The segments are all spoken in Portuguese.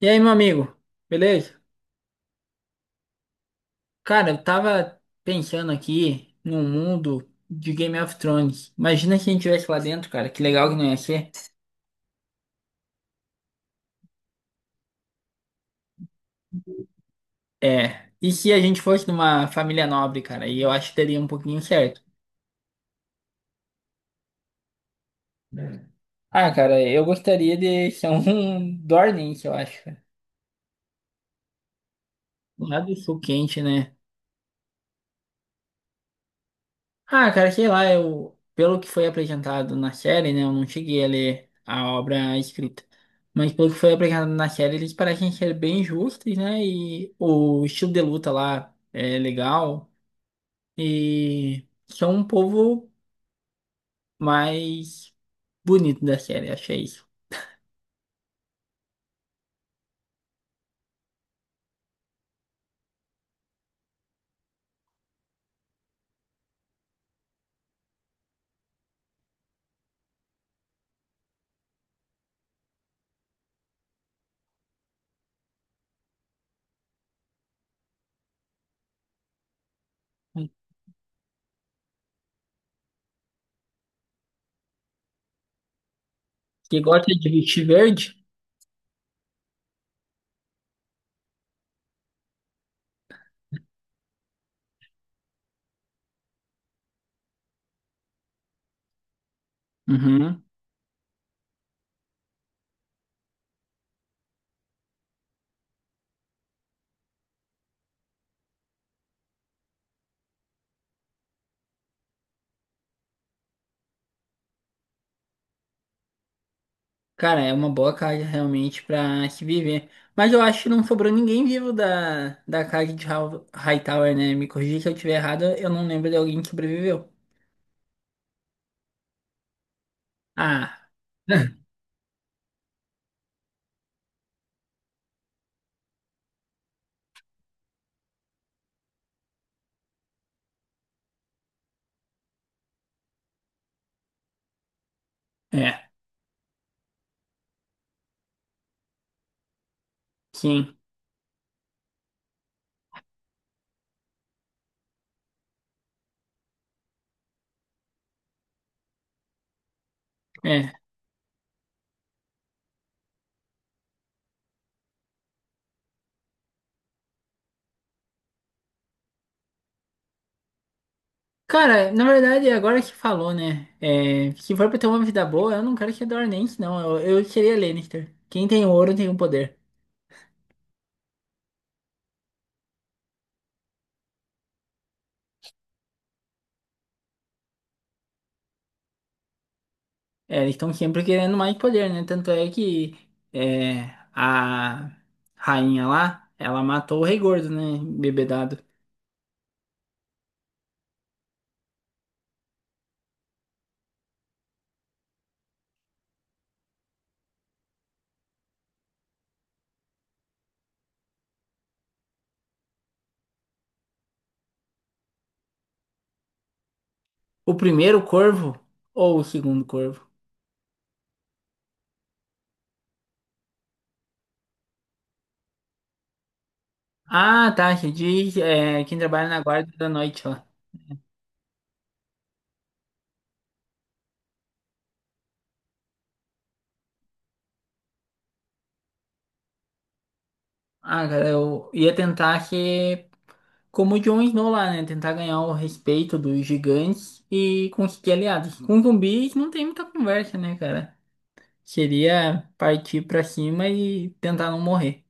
E aí, meu amigo, beleza? Cara, eu tava pensando aqui num mundo de Game of Thrones. Imagina se a gente tivesse lá dentro, cara, que legal que não ia ser. É, e se a gente fosse numa família nobre, cara, e eu acho que daria um pouquinho certo. Ah, cara, eu gostaria de ser um Dornish, eu acho, cara. Lá do sul quente, né? Ah, cara, sei lá, eu, pelo que foi apresentado na série, né, eu não cheguei a ler a obra escrita, mas pelo que foi apresentado na série, eles parecem ser bem justos, né, e o estilo de luta lá é legal, e são um povo mais bonito da série, achei isso. Que gosta de vestir verde? Uhum. Cara, é uma boa carga realmente pra se viver. Mas eu acho que não sobrou ninguém vivo da carga de Hightower, né? Me corrija se eu estiver errado, eu não lembro de alguém que sobreviveu. Ah, é, sim, é. Cara, na verdade, agora que falou, né? É, se for pra ter uma vida boa, eu não quero que Dornense, não. Eu seria Lannister. Quem tem ouro tem o poder. É, eles estão sempre querendo mais poder, né? Tanto é que é, a rainha lá, ela matou o rei gordo, né? Bebedado. O primeiro corvo ou o segundo corvo? Ah, tá. Você diz é, quem trabalha na guarda da noite lá. Ah, cara, eu ia tentar ser como o Jon Snow lá, né? Tentar ganhar o respeito dos gigantes e conseguir aliados. Com zumbis não tem muita conversa, né, cara? Seria partir pra cima e tentar não morrer.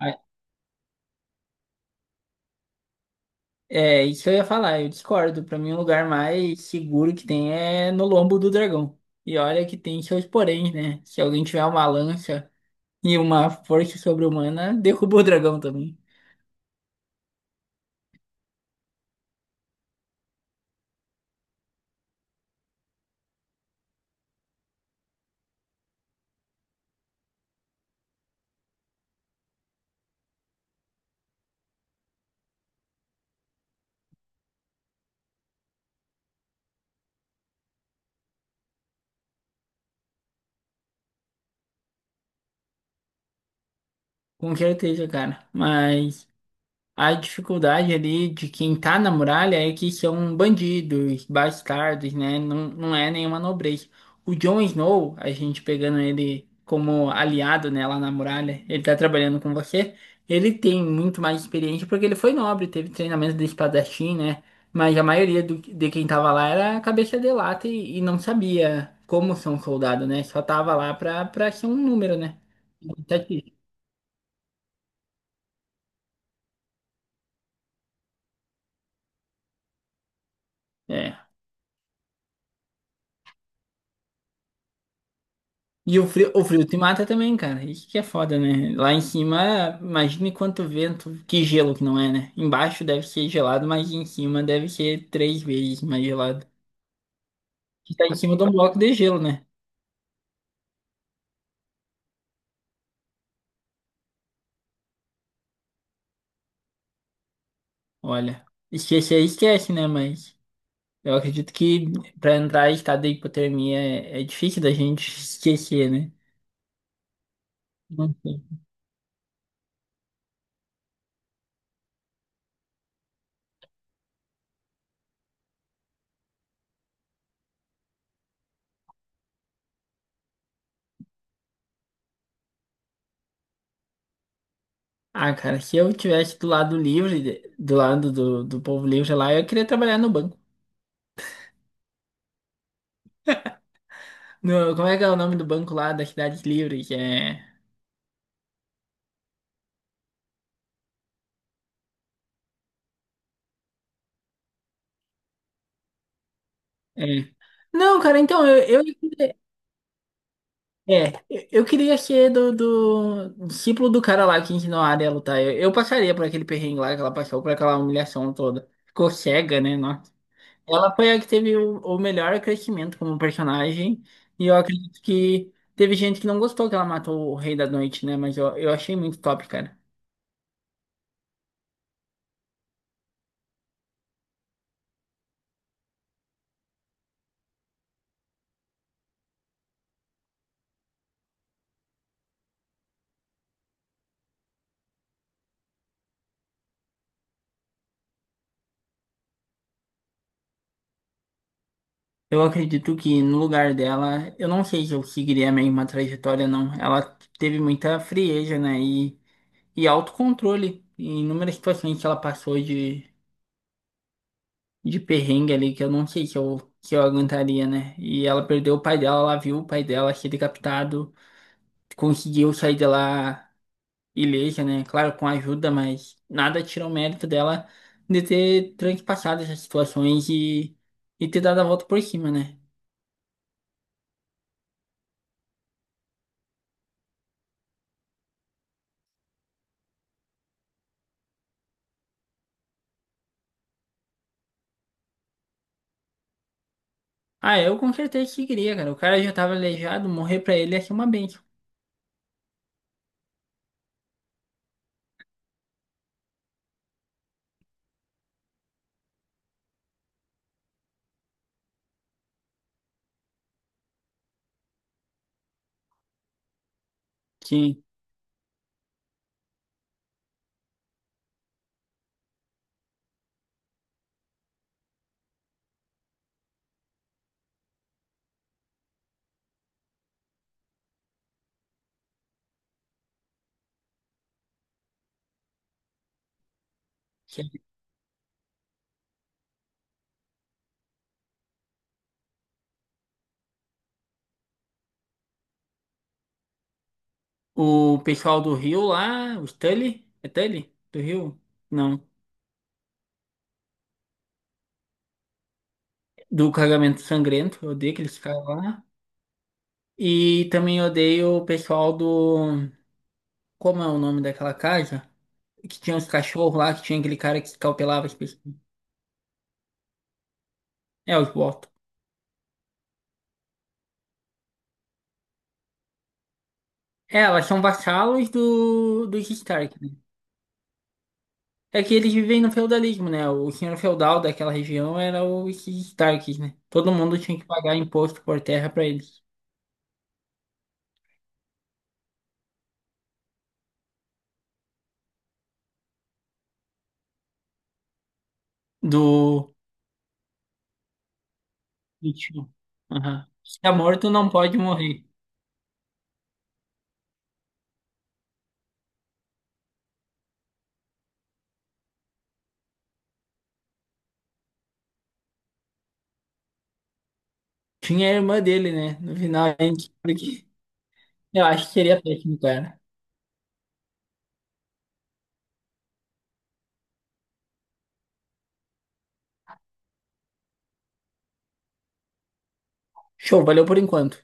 Ah, é, isso eu ia falar, eu discordo. Pra mim, o lugar mais seguro que tem é no lombo do dragão. E olha que tem seus poréns, né? Se alguém tiver uma lança. E uma força sobre-humana derrubou o dragão também. Com certeza, cara. Mas. A dificuldade ali de quem tá na muralha é que são bandidos, bastardos, né? Não, não é nenhuma nobreza. O Jon Snow, a gente pegando ele como aliado, né, lá na muralha, ele tá trabalhando com você, ele tem muito mais experiência porque ele foi nobre, teve treinamento de espadachim, né? Mas a maioria de quem tava lá era cabeça de lata e não sabia como ser um soldado, né? Só tava lá pra ser um número, né? Estatística. É. E o frio te mata também, cara. Isso que é foda, né? Lá em cima, imagine quanto vento, que gelo que não é, né? Embaixo deve ser gelado, mas em cima deve ser três vezes mais gelado. E tá em cima de um bloco de gelo, né? Olha, esquecer esquece, né? Mas eu acredito que pra entrar em estado de hipotermia é, é difícil da gente esquecer, né? Não sei. Ah, cara, se eu tivesse do lado livre, do lado do povo livre lá, eu queria trabalhar no banco. No, como é que é o nome do banco lá das cidades livres é. É. Não, cara, então, é, eu queria ser do discípulo do cara lá que ensinou a área a lutar. Eu passaria por aquele perrengue lá que ela passou, por aquela humilhação toda. Ficou cega, né? Nossa. Ela foi a que teve o melhor crescimento como personagem. E eu acredito que teve gente que não gostou que ela matou o Rei da Noite, né? Mas eu achei muito top, cara. Eu acredito que no lugar dela, eu não sei se eu seguiria a mesma trajetória, não. Ela teve muita frieza, né? E. E autocontrole. Em inúmeras situações que ela passou de perrengue ali, que eu não sei se eu aguentaria, né? E ela perdeu o pai dela, ela viu o pai dela ser decapitado, conseguiu sair de lá ilesa, né? Claro, com ajuda, mas nada tira o mérito dela de ter transpassado essas situações e ter dado a volta por cima, né? Ah, eu com certeza seguiria, cara. O cara já tava aleijado, morrer pra ele ia ser uma bênção. Sim. O pessoal do Rio lá, o Tully, é Tully? Do Rio? Não. Do carregamento Sangrento, eu odeio aqueles caras lá. E também odeio o pessoal do. Como é o nome daquela casa? Que tinha os cachorros lá, que tinha aquele cara que escalpelava as pessoas. É, os Bolton. É, elas são vassalos dos Stark, né? É que eles vivem no feudalismo, né? O senhor feudal daquela região era os Starks, né? Todo mundo tinha que pagar imposto por terra pra eles. Do Ritmo. Aham. Se tá morto, não pode morrer. Tinha a irmã dele, né? No final, a gente. Porque eu acho que seria péssimo, cara. Show, valeu por enquanto.